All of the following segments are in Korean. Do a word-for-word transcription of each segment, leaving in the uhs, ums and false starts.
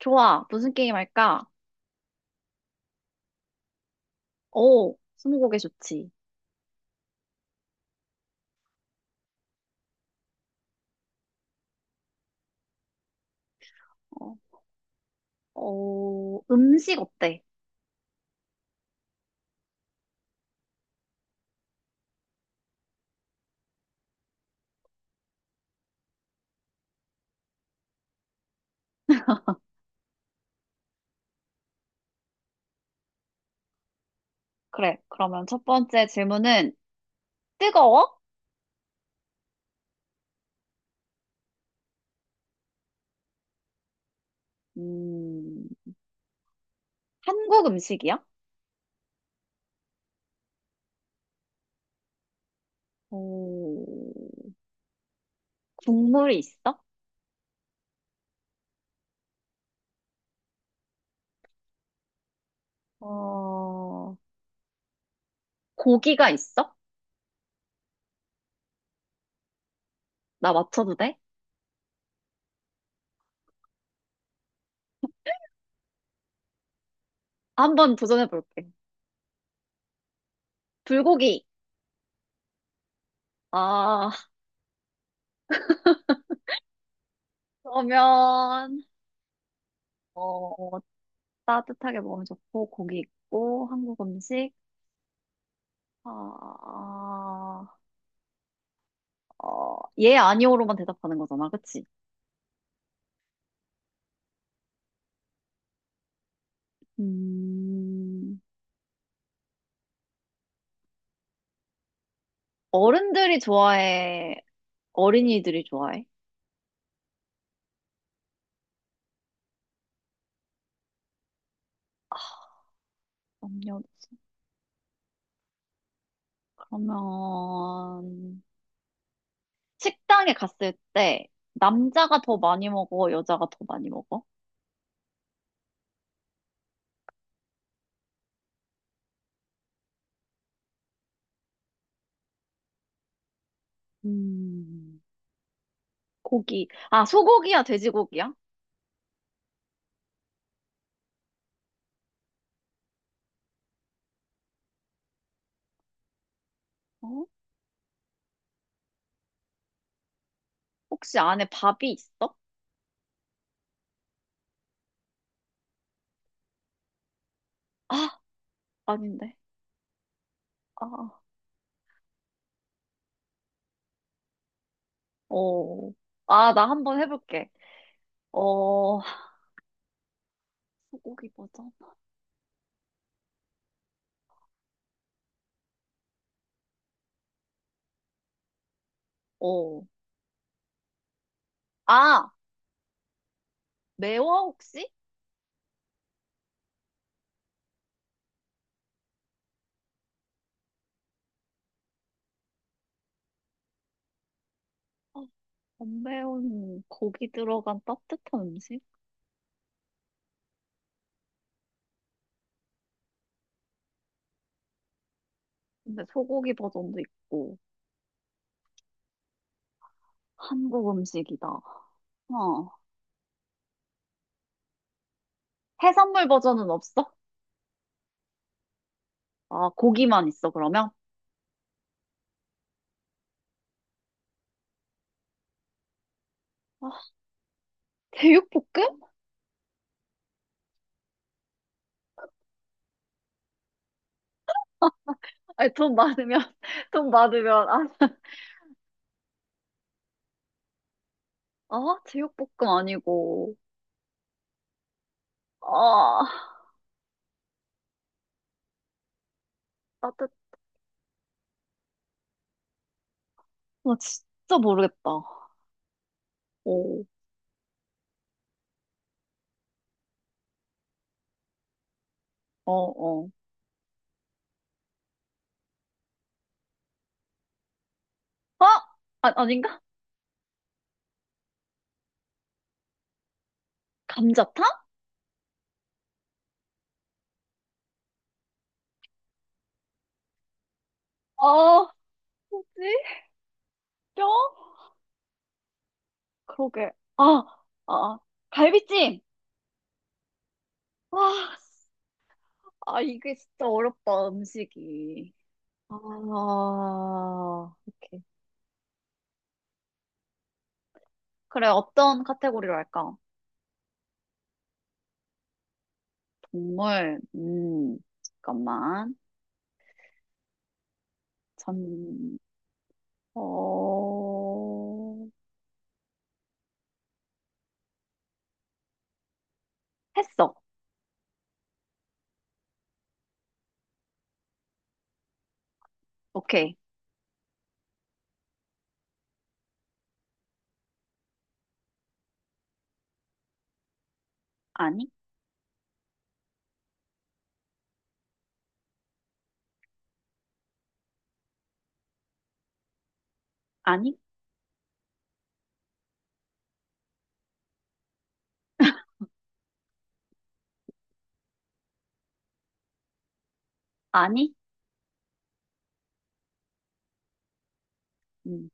좋아. 무슨 게임 할까? 오, 스무고개 좋지. 어, 어, 음식 어때? 그래. 그러면 첫 번째 질문은 뜨거워? 음, 한국 음식이야? 오, 국물이 있어? 어, 고기가 있어? 나 맞춰도 돼? 한번 도전해 볼게. 불고기. 아, 그러면, 어, 따뜻하게 먹으면 좋고 고기 있고 한국 음식. 아, 어, 예, 아니오로만 대답하는 거잖아. 그치? 음, 어른들이 좋아해? 어린이들이 좋아해? 남녀노소. 그러면, 식당에 갔을 때, 남자가 더 많이 먹어? 여자가 더 많이 먹어? 음, 고기. 아, 소고기야? 돼지고기야? 어? 혹시 안에 밥이 있어? 아, 아닌데. 아, 어. 아, 나 한번 해볼게. 어, 소고기 버전? 어. 아! 매워, 혹시? 어, 안 매운 고기 들어간 따뜻한 음식? 근데 소고기 버전도 있고, 한국 음식이다. 어. 해산물 버전은 없어? 아, 고기만 있어, 그러면? 아, 제육볶음? 아니, 돈 많으면, 돈 많으면, 아, 아, 제육볶음 아니고, 아, 따뜻, 나 진짜 모르겠다. 오, 어, 어. 아! 아, 아닌가? 감자탕? 아, 뭐지? 뼈? 그러게. 아, 아, 아. 갈비찜! 와, 아, 이게 진짜 어렵다, 음식이. 아, 오케이. 그래, 어떤 카테고리로 할까? 동물, 음, 잠깐만. 전, 어, 했어. 오케이. 아니? 아니? 아니? 음,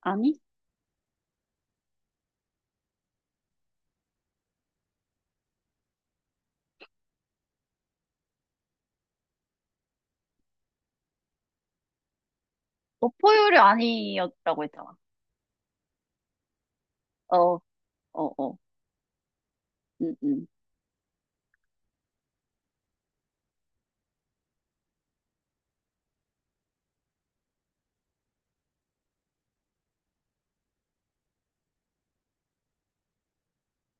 아니? 너 포유류 아니었다고 했잖아. 어, 어, 어. 음, 음.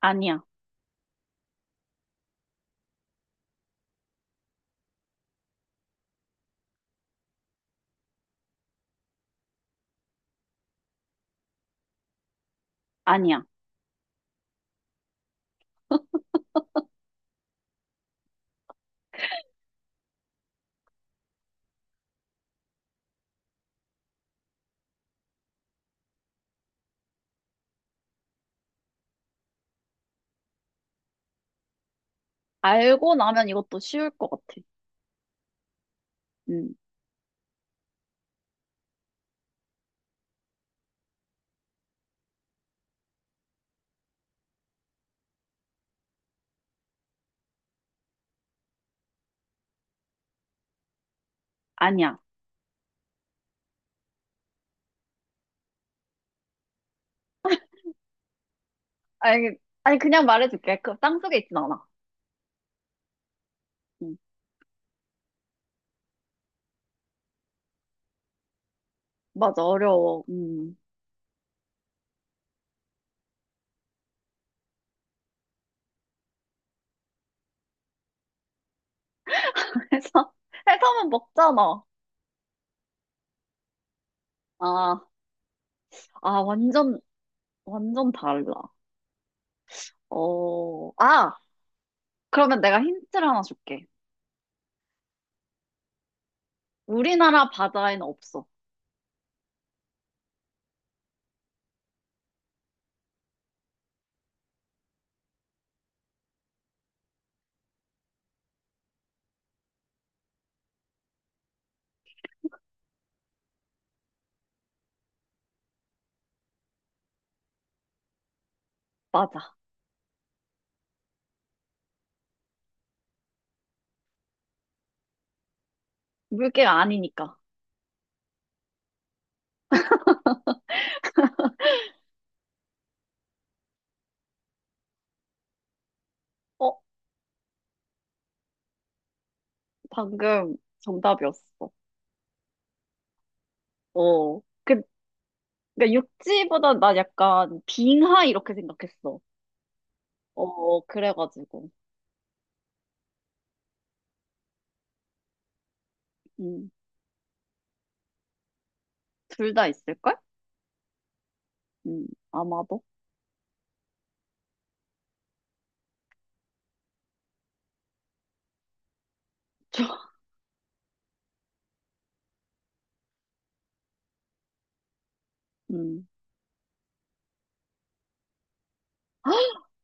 아니야. 아니야. 알고 나면 이것도 쉬울 것 같아. 음. 아니야. 아니, 아니, 그냥 말해줄게. 그 땅속에 있진 않아. 응, 맞아, 어려워. 음. 해삼, 해삼은 먹잖아. 아, 아, 완전, 완전 달라. 어, 아, 그러면 내가 힌트를 하나 줄게. 우리나라 바다에는 없어. 맞아. 물개가 아니니까. 어, 방금 정답이었어. 어, 그, 그러니까 육지보다 나 약간 빙하 이렇게 생각했어. 어, 그래가지고. 음, 둘 다 있을걸? 음, 아마도. 저, 음.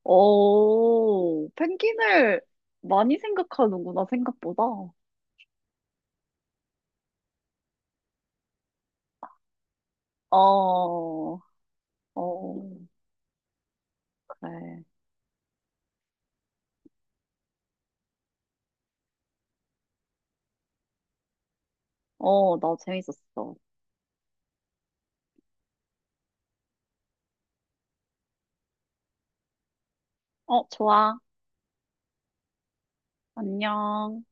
어 펭귄을 많이 생각하는구나, 생각보다. 어, 어, 그래. 어, 나 재밌었어. 어, 좋아. 안녕.